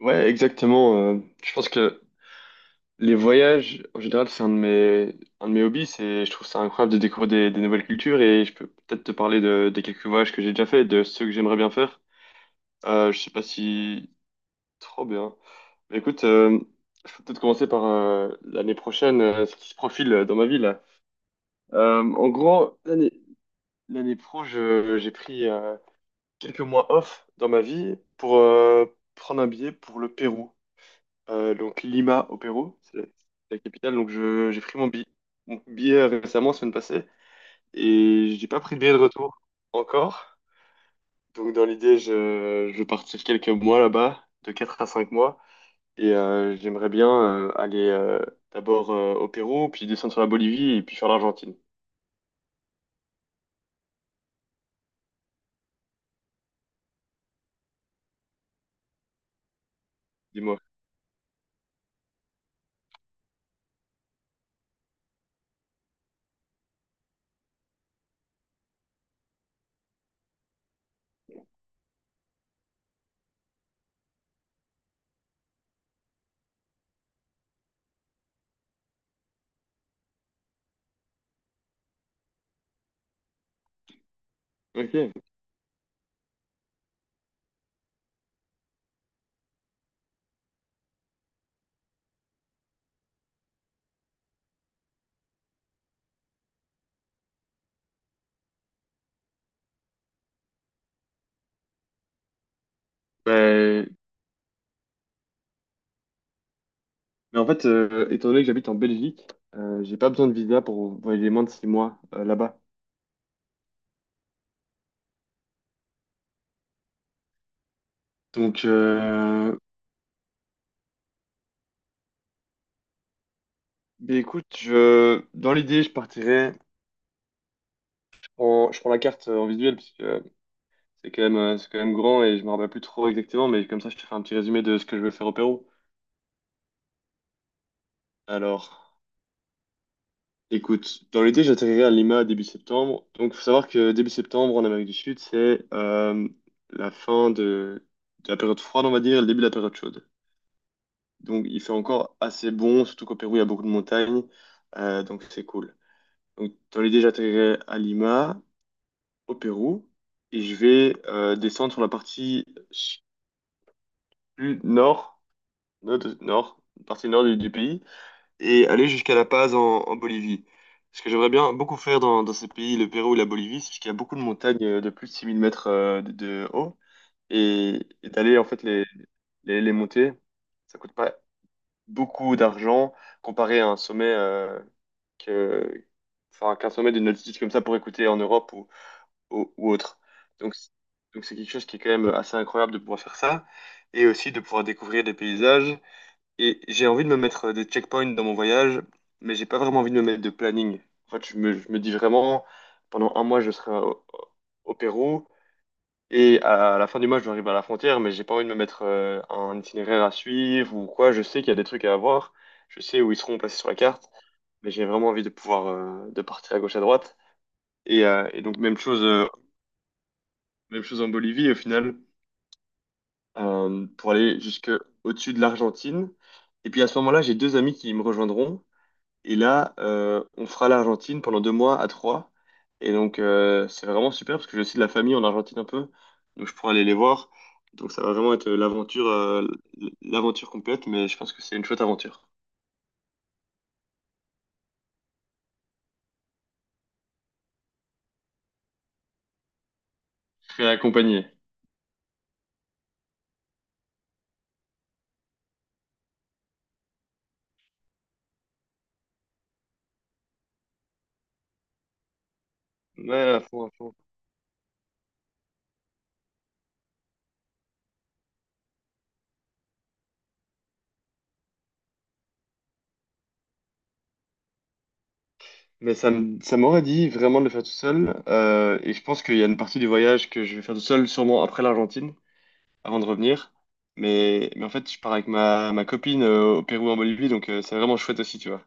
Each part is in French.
Ouais, exactement. Je pense que les voyages, en général, c'est un de mes hobbies. Je trouve ça incroyable de découvrir des nouvelles cultures et je peux peut-être te parler des quelques voyages que j'ai déjà fait, et de ceux que j'aimerais bien faire. Je sais pas si trop bien. Mais écoute, je peux peut-être commencer par l'année prochaine, ce qui se profile dans ma vie là. En gros, l'année pro, j'ai pris quelques mois off dans ma vie pour prendre un billet pour le Pérou. Donc Lima au Pérou, c'est la capitale. Donc j'ai pris mon billet récemment, semaine passée, et j'ai pas pris de billet de retour encore. Donc dans l'idée, je vais partir quelques mois là-bas, de 4 à 5 mois, et j'aimerais bien aller d'abord au Pérou, puis descendre sur la Bolivie, et puis faire l'Argentine. Dis-moi. Ok. Ouais. Mais en fait, étant donné que j'habite en Belgique, j'ai pas besoin de visa pour voyager moins de 6 mois là-bas. Donc, euh, Mais écoute, dans l'idée, je partirais. Je prends la carte en visuel parce que c'est quand même grand et je me rappelle plus trop exactement, mais comme ça, je te fais un petit résumé de ce que je veux faire au Pérou. Alors, écoute, dans l'idée, j'atterrirai à Lima début septembre. Donc, faut savoir que début septembre en Amérique du Sud, c'est la fin de la période froide, on va dire, et le début de la période chaude. Donc, il fait encore assez bon, surtout qu'au Pérou, il y a beaucoup de montagnes, donc c'est cool. Donc, dans l'idée, j'atterrirai à Lima au Pérou et je vais descendre sur la partie plus nord, nord, nord- partie nord du pays et aller jusqu'à La Paz en Bolivie. Ce que j'aimerais bien beaucoup faire dans ces pays, le Pérou et la Bolivie, c'est qu'il y a beaucoup de montagnes de plus de 6 000 mètres de haut et d'aller en fait les monter. Ça coûte pas beaucoup d'argent comparé à un sommet que, enfin, qu'un sommet d'une altitude comme ça pourrait coûter en Europe ou autre. Donc, c- donc c'est quelque chose qui est quand même assez incroyable de pouvoir faire ça et aussi de pouvoir découvrir des paysages. Et j'ai envie de me mettre des checkpoints dans mon voyage, mais j'ai pas vraiment envie de me mettre de planning. En fait, je me dis vraiment, pendant un mois, je serai au Pérou et à la fin du mois, je vais arriver à la frontière, mais j'ai pas envie de me mettre un itinéraire à suivre ou quoi. Je sais qu'il y a des trucs à voir, je sais où ils seront placés sur la carte, mais j'ai vraiment envie de pouvoir de partir à gauche à droite. Et donc même chose en Bolivie, au final, pour aller jusque au-dessus de l'Argentine. Et puis à ce moment-là, j'ai deux amis qui me rejoindront. Et là, on fera l'Argentine pendant 2 mois à trois. Et donc, c'est vraiment super parce que j'ai aussi de la famille en Argentine un peu. Donc, je pourrais aller les voir. Donc, ça va vraiment être l'aventure complète. Mais je pense que c'est une chouette aventure. Je serai accompagné. Ouais, à fond, à fond. Mais ça m'aurait dit vraiment de le faire tout seul. Et je pense qu'il y a une partie du voyage que je vais faire tout seul, sûrement après l'Argentine, avant de revenir. Mais en fait, je pars avec ma copine au Pérou, en Bolivie, donc c'est vraiment chouette aussi, tu vois.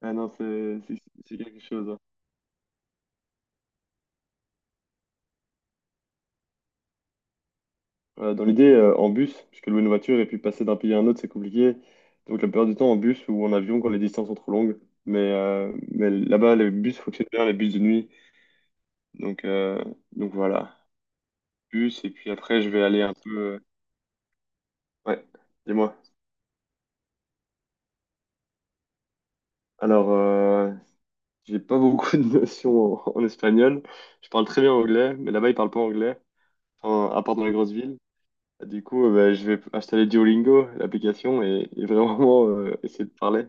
Ah non, c'est quelque chose, hein. Dans l'idée, en bus, parce que louer une voiture et puis passer d'un pays à un autre, c'est compliqué. Donc la plupart du temps en bus ou en avion quand les distances sont trop longues. Mais là-bas, les bus fonctionnent bien, les bus de nuit. Donc, euh, donc voilà, bus. Et puis après, je vais aller un peu. Ouais, dis-moi. Alors, j'ai pas beaucoup de notions en espagnol. Je parle très bien anglais, mais là-bas, ils parlent pas anglais, enfin, à part dans les grosses villes. Du coup, bah, je vais installer Duolingo, l'application, et vraiment essayer de parler.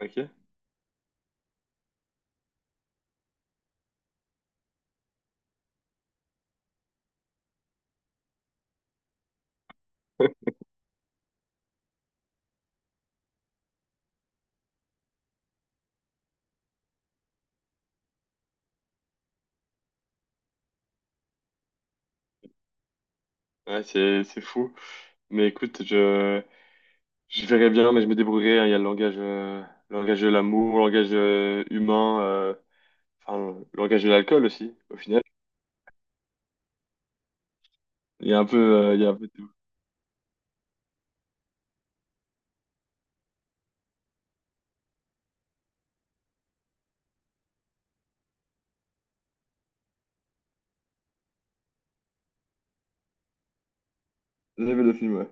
Ok? Ouais, c'est fou. Mais écoute, je verrai bien, mais je me débrouillerai, hein. Il y a le langage de l'amour, le langage humain, enfin le langage de l'alcool aussi. Au final, il y a un peu, il y a un peu de tout. J'ai vu le film, ouais.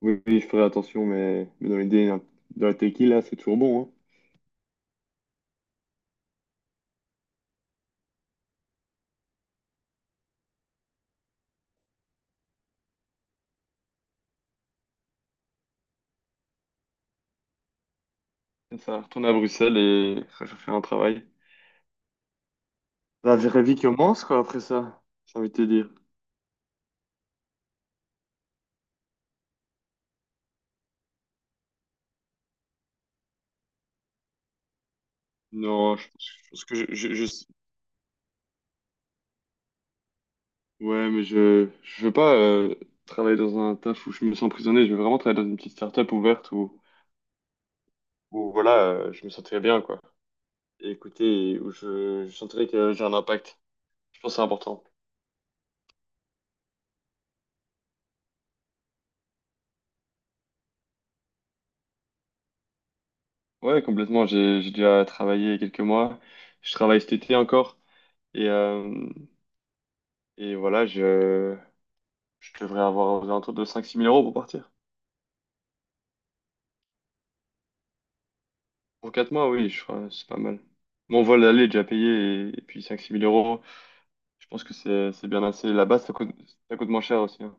Oui, oui, je ferai attention, mais dans l'idée, hein, dans la tequila, c'est toujours bon. Hein. Ça, retourner à Bruxelles et rechercher un travail. La vraie vie commence, quoi, après ça, j'ai envie de te dire. Non, je pense que je- Ouais, mais je veux pas travailler dans un taf où je me sens emprisonné. Je veux vraiment travailler dans une petite start-up ouverte où voilà, je me sentirais bien, quoi. Et écoutez, où je sentirais que j'ai un impact. Je pense que c'est important. Ouais, complètement. J'ai déjà travaillé quelques mois. Je travaille cet été encore. Et, euh, et voilà, je devrais avoir aux alentours de 5 à 6 000 € pour partir. Pour 4 mois, oui, je crois, c'est pas mal. Mon vol aller est déjà payé, et puis cinq six mille euros, je pense que c'est bien assez. Là-bas, ça coûte moins cher aussi, hein.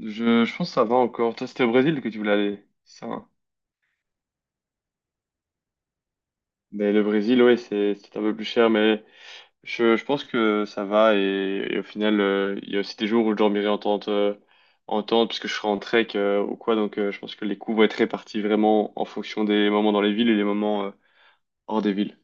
Je pense que ça va encore. Toi, c'était au Brésil que tu voulais aller, c'est ça, hein. Mais le Brésil, oui, c'est un peu plus cher, mais je pense que ça va. Et au final, il y a aussi des jours où je dormirai en tente, puisque je serai en trek ou quoi. Donc, je pense que les coûts vont être répartis vraiment en fonction des moments dans les villes et les moments hors des villes.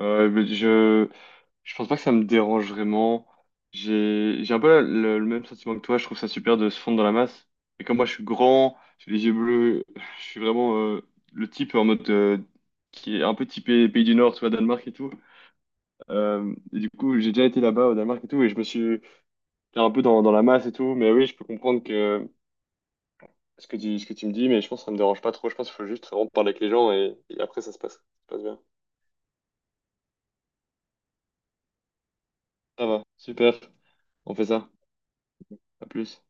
Euh, mais je, Je pense pas que ça me dérange vraiment. J'ai un peu le même sentiment que toi. Je trouve ça super de se fondre dans la masse. Et comme moi, je suis grand, j'ai les yeux bleus, je suis vraiment le type en mode qui est un peu typé pays du Nord, tu vois, Danemark et tout. Et du coup, j'ai déjà été là-bas au Danemark et tout, et je me suis fait un peu dans la masse et tout. Mais oui, je peux comprendre que ce que tu me dis, mais je pense que ça me dérange pas trop. Je pense qu'il faut juste vraiment parler avec les gens et après, ça se passe. Ça se passe bien. Ça va, super. On fait ça. À plus.